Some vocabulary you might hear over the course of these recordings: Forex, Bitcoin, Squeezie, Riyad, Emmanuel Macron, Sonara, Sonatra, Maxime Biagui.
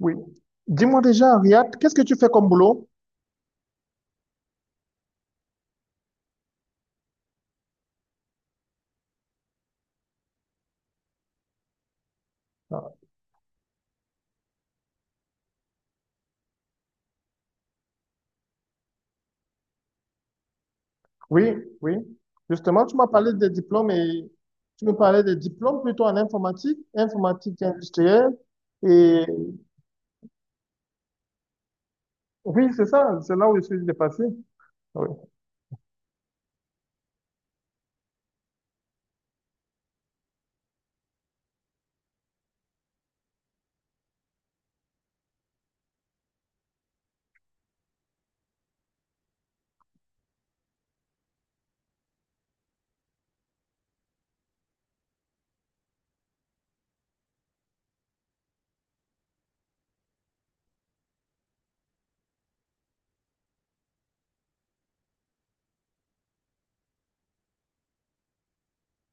Oui. Dis-moi déjà, Riyad, qu'est-ce que tu fais comme boulot? Ah, oui, oui. Justement, tu m'as parlé des diplômes et tu me parlais des diplômes plutôt en informatique, informatique industrielle. Et oui, c'est ça, c'est là où je suis dépassé. Oui,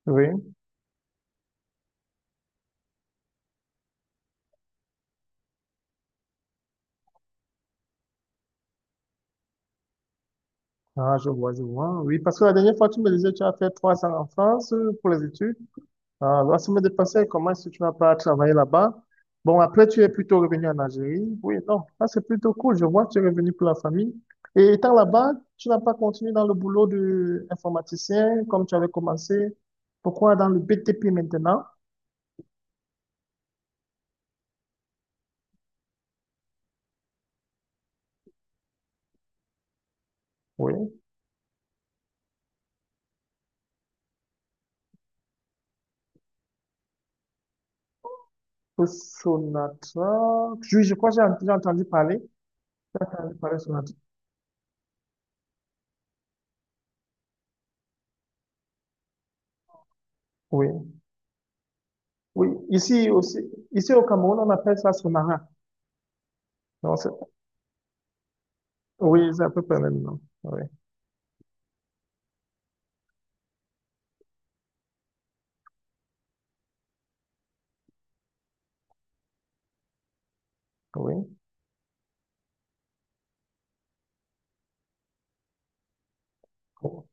oui. Ah, je vois, je vois. Oui, parce que la dernière fois, tu me disais que tu as fait 3 ans en France pour les études. Ah, la semaine de passée, comment est-ce que tu n'as pas travaillé là-bas? Bon, après, tu es plutôt revenu en Algérie. Oui, non, là, c'est plutôt cool. Je vois que tu es revenu pour la famille. Et étant là-bas, tu n'as pas continué dans le boulot d'informaticien comme tu avais commencé. Pourquoi dans le BTP maintenant? Oui. Le Sonatra. Je crois que j'ai entendu parler. Parler Sonatra. Oui. Oui. Ici aussi, ici au Cameroun, on appelle ça Sonara. Non, oui, c'est à peu près le même nom. Oui. Oui.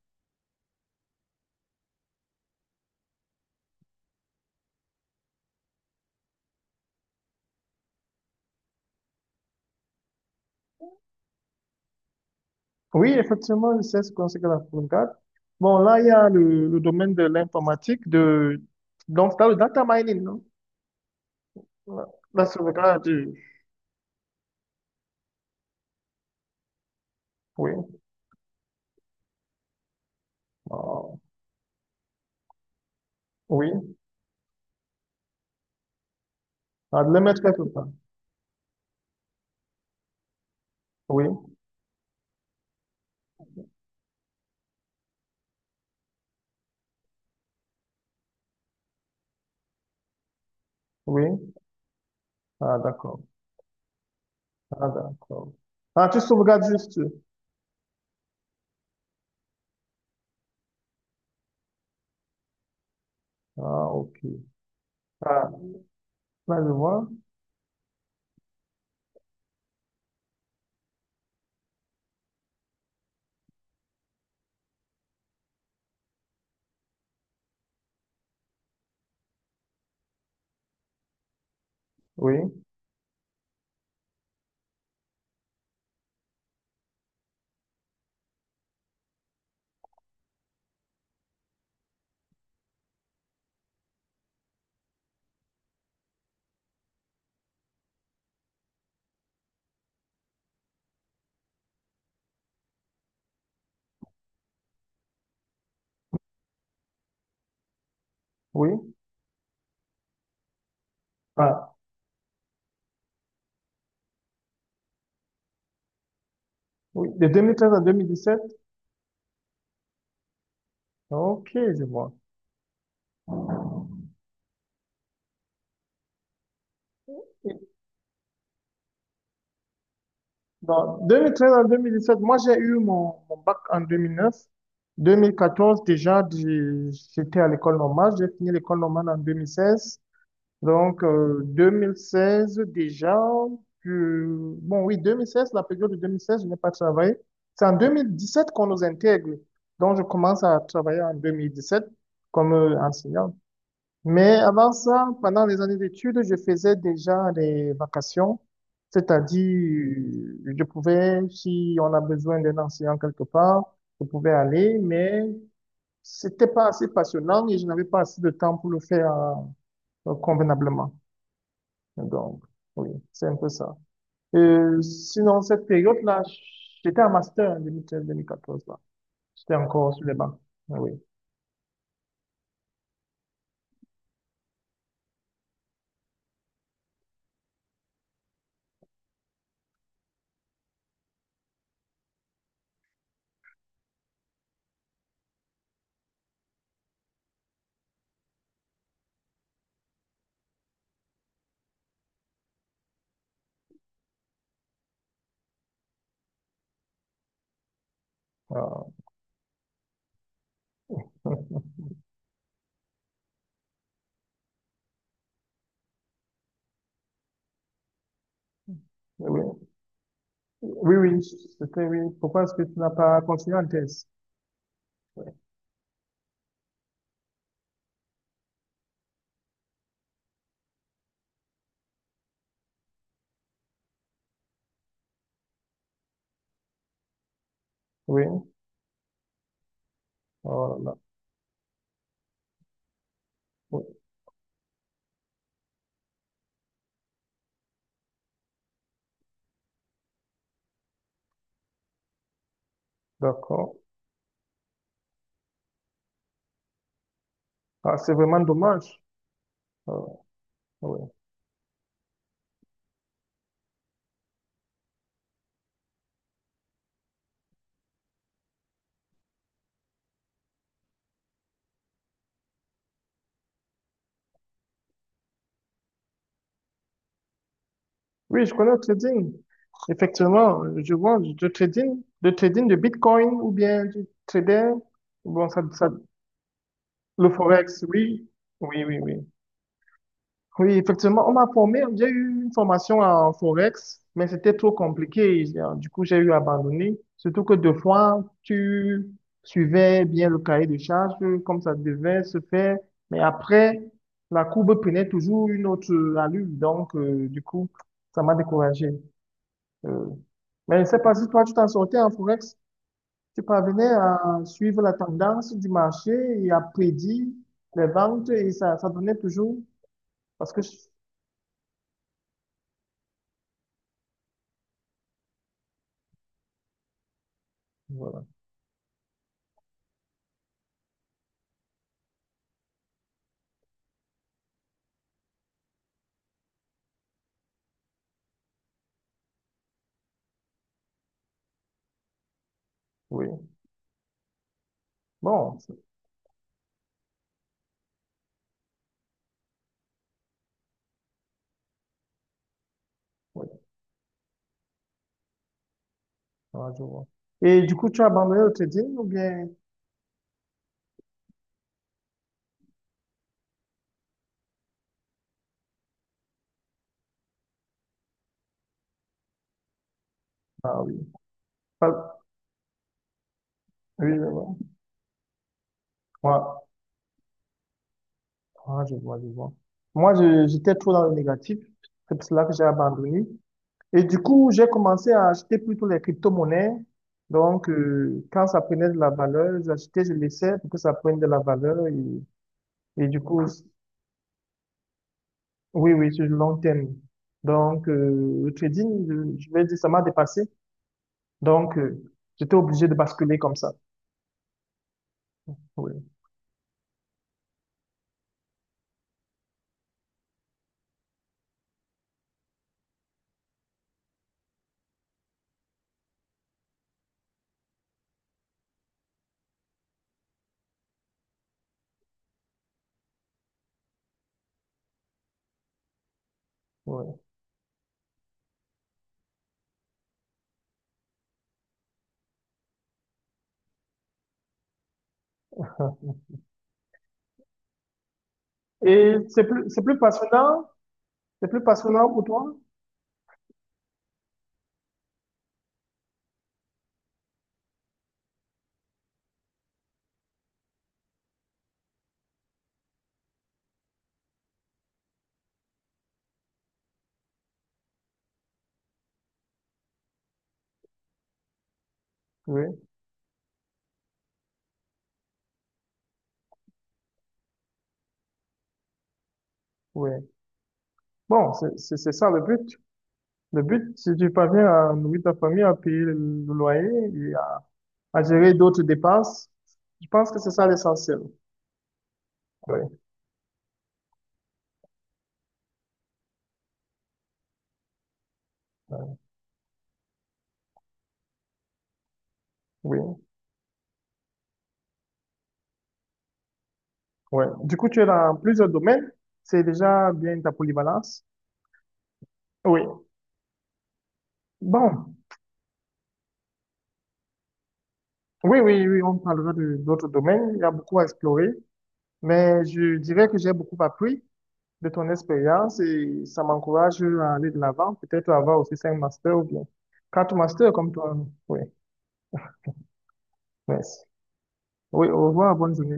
Oui, effectivement, je sais ce qu'on sait que la front. Bon, là, il y a le domaine de l'informatique, de... Donc c'est le data mining, non? La, la sauvegarde du... Oui, ah, oui, ah, de le mettre quelque part. Oui, oui, ah, d'accord, ah, d'accord. Ah, tu sauvegardes juste. Ah, ok. Ah, là, je vois. Oui, oui, ah, oui, de 2013 à 2017. Ok, je vois. Dans 2013 à 2017, moi j'ai eu mon bac en 2009. 2014 déjà, j'étais à l'école normale. J'ai fini l'école normale en 2016. Donc, 2016 déjà, bon oui, 2016, la période de 2016, je n'ai pas travaillé. C'est en 2017 qu'on nous intègre. Donc je commence à travailler en 2017 comme enseignant. Mais avant ça, pendant les années d'études, je faisais déjà des vacations, c'est-à-dire je pouvais, si on a besoin d'un enseignant quelque part, je pouvais aller, mais c'était pas assez passionnant et je n'avais pas assez de temps pour le faire convenablement. Donc, oui, c'est un peu ça. Sinon, cette période-là, j'étais en master en 2013-2014, là. J'étais encore sur les bancs. Oui, euh, oui. Oui, oui, c'était oui. Pourquoi est-ce que tu n'as pas continué en thèse? Oui, oui, voilà. Oui, d'accord. Ah, c'est vraiment dommage. Ah, oui. Oui, je connais le trading. Effectivement, je vois du trading de Bitcoin ou bien du trader. Bon, le Forex, oui. Oui, oui, oui. Oui, effectivement, on m'a formé. J'ai eu une formation en Forex, mais c'était trop compliqué. Du coup, j'ai eu abandonné. Surtout que deux fois, tu suivais bien le cahier de charges comme ça devait se faire. Mais après, la courbe prenait toujours une autre allure. Donc, du coup, ça m'a découragé. Euh, mais je ne sais pas si toi, tu t'en sortais en Forex. Tu parvenais à suivre la tendance du marché et à prédire les ventes et ça donnait toujours. Parce que, voilà, oui. Bon, oui, ah, je vois. Et du coup, tu as abandonné l'hôtellerie ou bien? Ah oui. Pas- Oui, je vois. Ouais. Ah, je vois, je vois. Moi, j'étais trop dans le négatif. C'est pour cela que j'ai abandonné. Et du coup, j'ai commencé à acheter plutôt les crypto-monnaies. Donc, quand ça prenait de la valeur, j'achetais, je laissais pour que ça prenne de la valeur. Et du coup, oui, oui, sur le long terme. Donc, le trading, je vais dire, ça m'a dépassé. Donc, j'étais obligé de basculer comme ça. Oui, oui. Et c'est plus passionnant pour toi? Oui, oui. Bon, c'est ça le but. Le but, si tu parviens à nourrir ta famille, à payer le loyer et à gérer d'autres dépenses, je pense que c'est ça l'essentiel. Oui, oui, oui. Du coup, tu es dans plusieurs domaines. C'est déjà bien ta polyvalence. Oui. Bon, oui, oui, oui, on parlera de d'autres domaines. Il y a beaucoup à explorer, mais je dirais que j'ai beaucoup appris de ton expérience et ça m'encourage à aller de l'avant, peut-être avoir aussi cinq masters ou bien quatre masters comme toi. Oui, merci. Oui, au revoir, bonne journée.